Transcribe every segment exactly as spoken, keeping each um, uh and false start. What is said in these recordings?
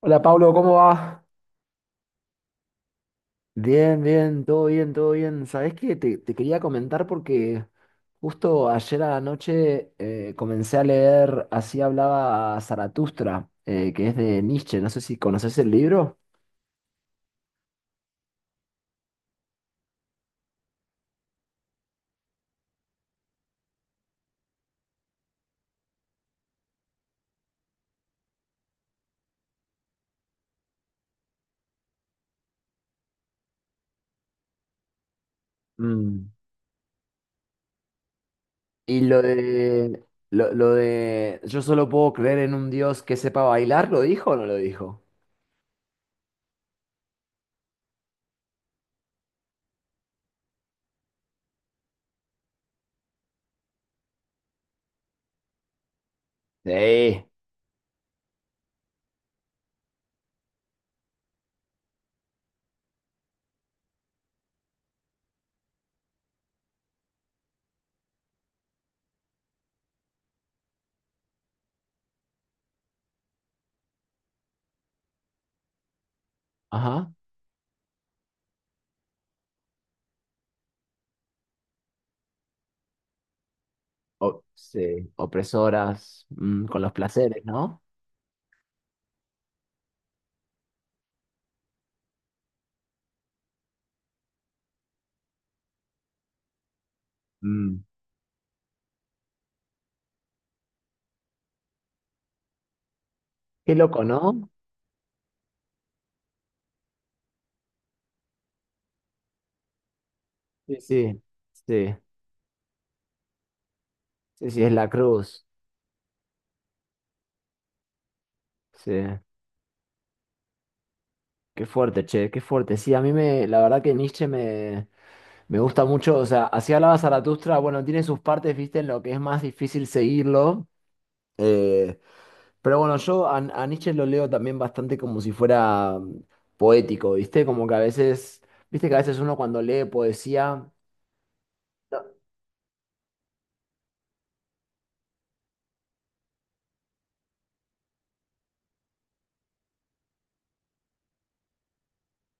Hola Pablo, ¿cómo va? Bien, bien, todo bien, todo bien. ¿Sabés qué? Te, te quería comentar porque justo ayer a la noche eh, comencé a leer Así hablaba Zaratustra, eh, que es de Nietzsche. No sé si conoces el libro. Mm. Y lo de, lo, lo de yo solo puedo creer en un Dios que sepa bailar, ¿lo dijo o no lo dijo? Sí. Ajá. O- sí. Opresoras, mm, con los placeres, ¿no? Mm. Qué loco, ¿no? Sí, sí, sí, sí, sí, es la cruz. Sí, qué fuerte, che, qué fuerte. Sí, a mí me, la verdad que Nietzsche me, me gusta mucho. O sea, así hablaba Zaratustra, bueno, tiene sus partes, viste, en lo que es más difícil seguirlo. eh, pero bueno, yo a, a Nietzsche lo leo también bastante como si fuera mm, poético, viste, como que a veces, viste que a veces uno cuando lee poesía.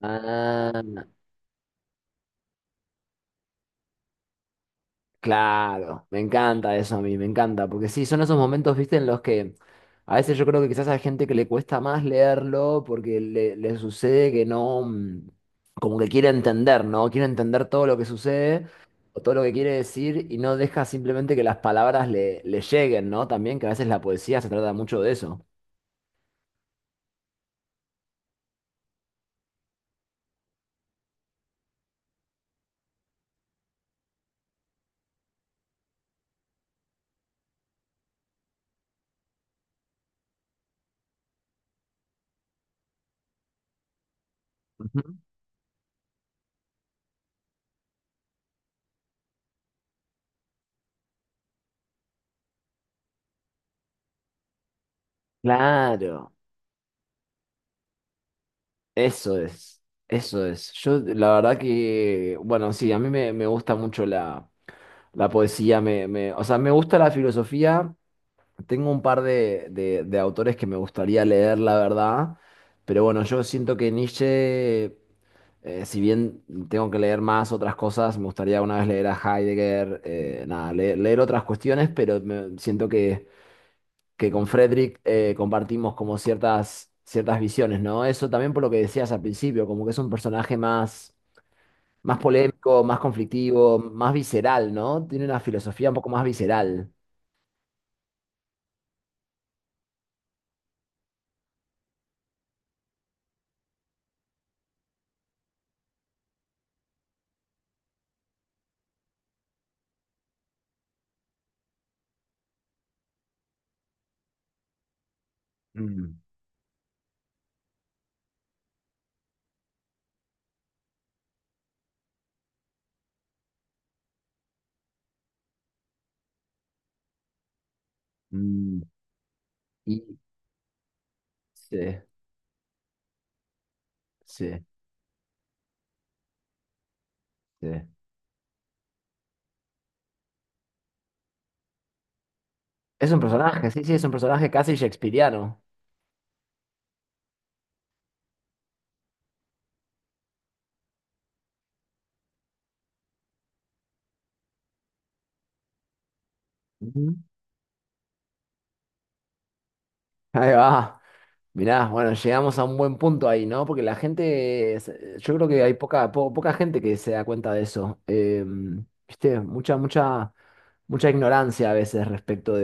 Ah, claro, me encanta eso a mí, me encanta, porque sí, son esos momentos, viste, en los que a veces yo creo que quizás hay gente que le cuesta más leerlo porque le, le sucede que no, mm, como que quiere entender, ¿no? Quiere entender todo lo que sucede o todo lo que quiere decir y no deja simplemente que las palabras le, le lleguen, ¿no? También que a veces la poesía se trata mucho de eso. Ujú. Claro, eso es, eso es. Yo la verdad que, bueno, sí, a mí me, me gusta mucho la... La poesía me, me- o sea, me gusta la filosofía. Tengo un par de, de- de autores que me gustaría leer, la verdad. Pero bueno, yo siento que Nietzsche, eh, si bien tengo que leer más otras cosas, me gustaría una vez leer a Heidegger, eh, nada, le- leer, otras cuestiones, pero me- siento que, que con Friedrich eh, compartimos como ciertas, ciertas visiones, ¿no? Eso también por lo que decías al principio, como que es un personaje más, más polémico, más conflictivo, más visceral, ¿no? Tiene una filosofía un poco más visceral. Mm, mm, y sí, sí, sí. Es un personaje, sí, sí, es un personaje casi shakespeariano. Ujú. Ahí va. Mirá, bueno, llegamos a un buen punto ahí, ¿no? Porque la gente, es- eh, yo creo que hay poca, po- poca gente que se da cuenta de eso. Eh, viste, mucha, mucha, mucha ignorancia a veces respecto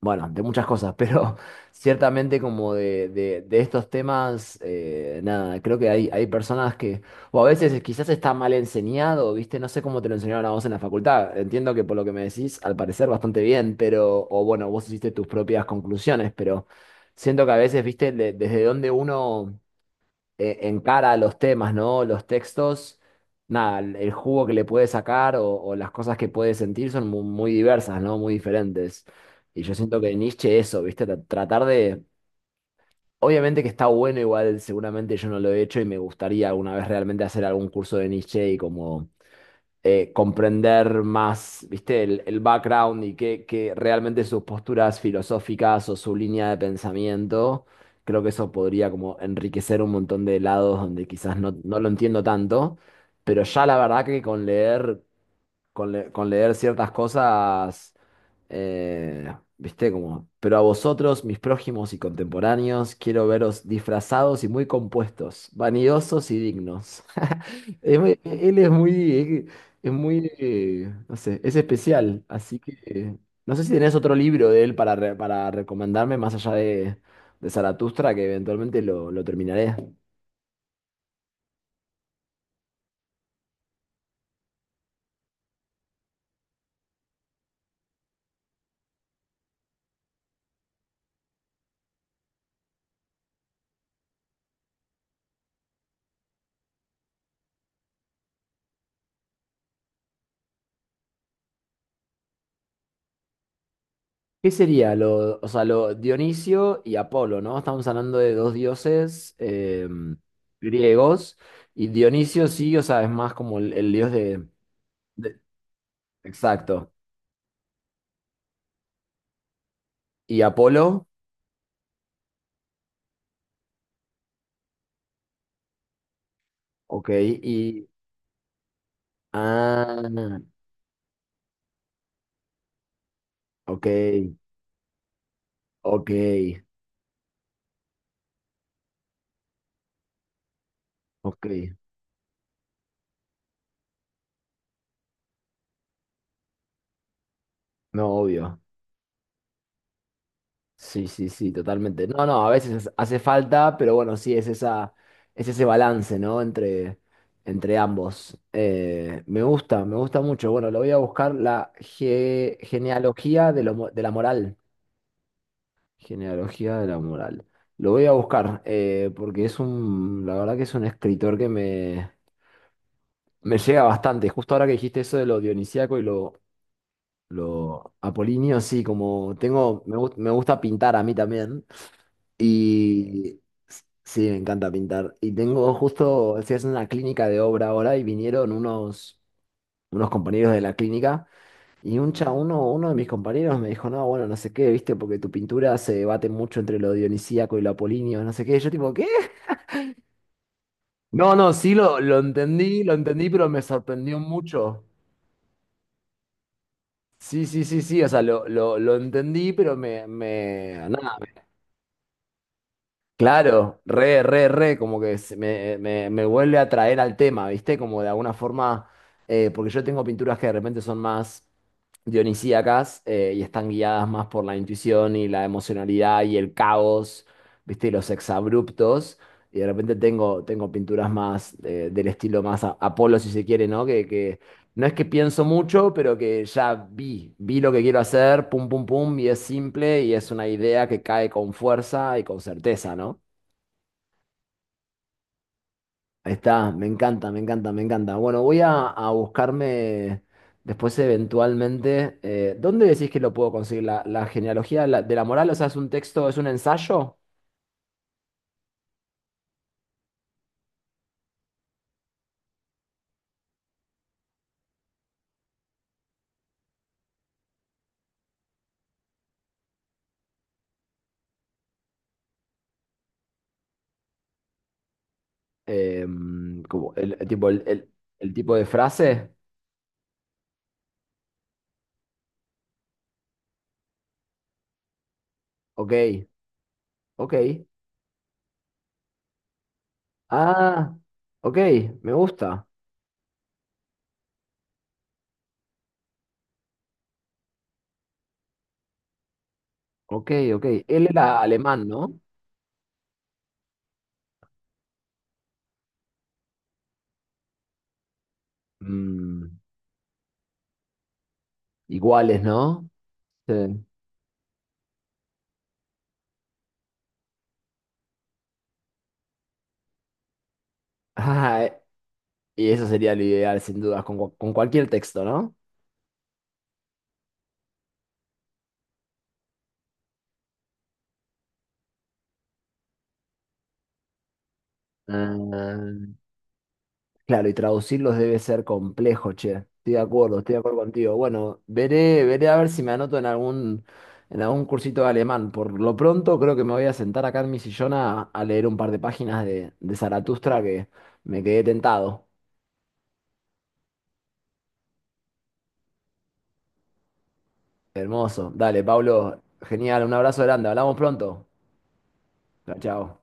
bueno, de muchas cosas, pero ciertamente como de, de- de estos temas, eh, nada, creo que hay, hay personas que, o a veces quizás está mal enseñado, ¿viste? No sé cómo te lo enseñaron a vos en la facultad. Entiendo que por lo que me decís, al parecer bastante bien, pero, o bueno, vos hiciste tus propias conclusiones, pero siento que a veces, ¿viste? De- desde donde uno eh, encara a los temas, ¿no? Los textos, nada, el el jugo que le puede sacar o, o las cosas que puede sentir son mu- muy, diversas, ¿no? Muy diferentes. Y yo siento que Nietzsche eso, ¿viste? Tra- Tratar de... Obviamente que está bueno, igual seguramente yo no lo he hecho y me gustaría alguna vez realmente hacer algún curso de Nietzsche y como eh, comprender más, ¿viste? El, el background y qué, qué realmente sus posturas filosóficas o su línea de pensamiento. Creo que eso podría como enriquecer un montón de lados donde quizás no, no lo entiendo tanto, pero ya la verdad que con leer con, le- con leer ciertas cosas, eh, viste, como, pero a vosotros, mis prójimos y contemporáneos, quiero veros disfrazados y muy compuestos, vanidosos y dignos. Es muy- él es muy, es muy, eh, no sé, es especial, así que eh, no sé si tenés otro libro de él para, re- para recomendarme más allá de, de Zaratustra, que eventualmente lo, lo terminaré. ¿Qué sería lo, o sea, lo Dionisio y Apolo, ¿no? Estamos hablando de dos dioses eh, griegos y Dionisio sí, o sea, es más como el, el dios de, de- Exacto. ¿Y Apolo? Ok, y... Ah, ok, ok, ok. No, obvio. Sí, sí, sí, totalmente. No, no, a veces hace falta, pero bueno, sí, es esa, es ese balance, ¿no? Entre, entre ambos. Eh, me gusta, me gusta mucho. Bueno, lo voy a buscar la ge- genealogía de, lo mo- de la moral. Genealogía de la moral. Lo voy a buscar, eh, porque es un, la verdad que es un escritor que me, me llega bastante. Justo ahora que dijiste eso de lo dionisíaco y lo, lo apolíneo, sí, como tengo, me, gust- me gusta pintar a mí también. Y s- sí, me encanta pintar. Y tengo justo, estoy haciendo una clínica de obra ahora y vinieron unos, unos compañeros de la clínica y un cha, uno, uno de mis compañeros me dijo, no, bueno, no sé qué, viste, porque tu pintura se debate mucho entre lo dionisíaco y lo apolinio, no sé qué. Yo tipo, ¿qué? No, no, sí lo, lo entendí, lo entendí, pero me sorprendió mucho. Sí, sí, sí, sí, o sea, lo, lo, lo entendí, pero me, me, nada, claro, re, re, re, como que se- me, me- me vuelve a traer al tema, ¿viste? Como de alguna forma, eh, porque yo tengo pinturas que de repente son más dionisíacas eh, y están guiadas más por la intuición y la emocionalidad y el caos, ¿viste? Y los exabruptos. Y de repente tengo, tengo pinturas más eh, del estilo más a- Apolo, si se quiere, ¿no? Que, que no es que pienso mucho, pero que ya vi, vi lo que quiero hacer, pum, pum, pum, y es simple y es una idea que cae con fuerza y con certeza, ¿no? Ahí está, me encanta, me encanta, me encanta. Bueno, voy a, a buscarme después eventualmente. Eh, ¿dónde decís que lo puedo conseguir? La, la genealogía de la, de la moral, o sea, es un texto, es un ensayo, Eh, como el, el tipo, el, el- el tipo de frase. Ok, ok. Ah, ok, me gusta. Ok, ok. Él era alemán, ¿no? Mm, iguales, ¿no? Sí. Ah, eh, y eso sería lo ideal, sin dudas, con, cu- con cualquier texto, ¿no? Ah, claro, y traducirlos debe ser complejo, che. Estoy de acuerdo, estoy de acuerdo contigo. Bueno, veré, veré a ver si me anoto en algún, en algún cursito de alemán. Por lo pronto, creo que me voy a sentar acá en mi sillón a, a leer un par de páginas de, de Zaratustra que me quedé tentado. Hermoso. Dale, Pablo, genial, un abrazo grande. Hablamos pronto. Chao, chao.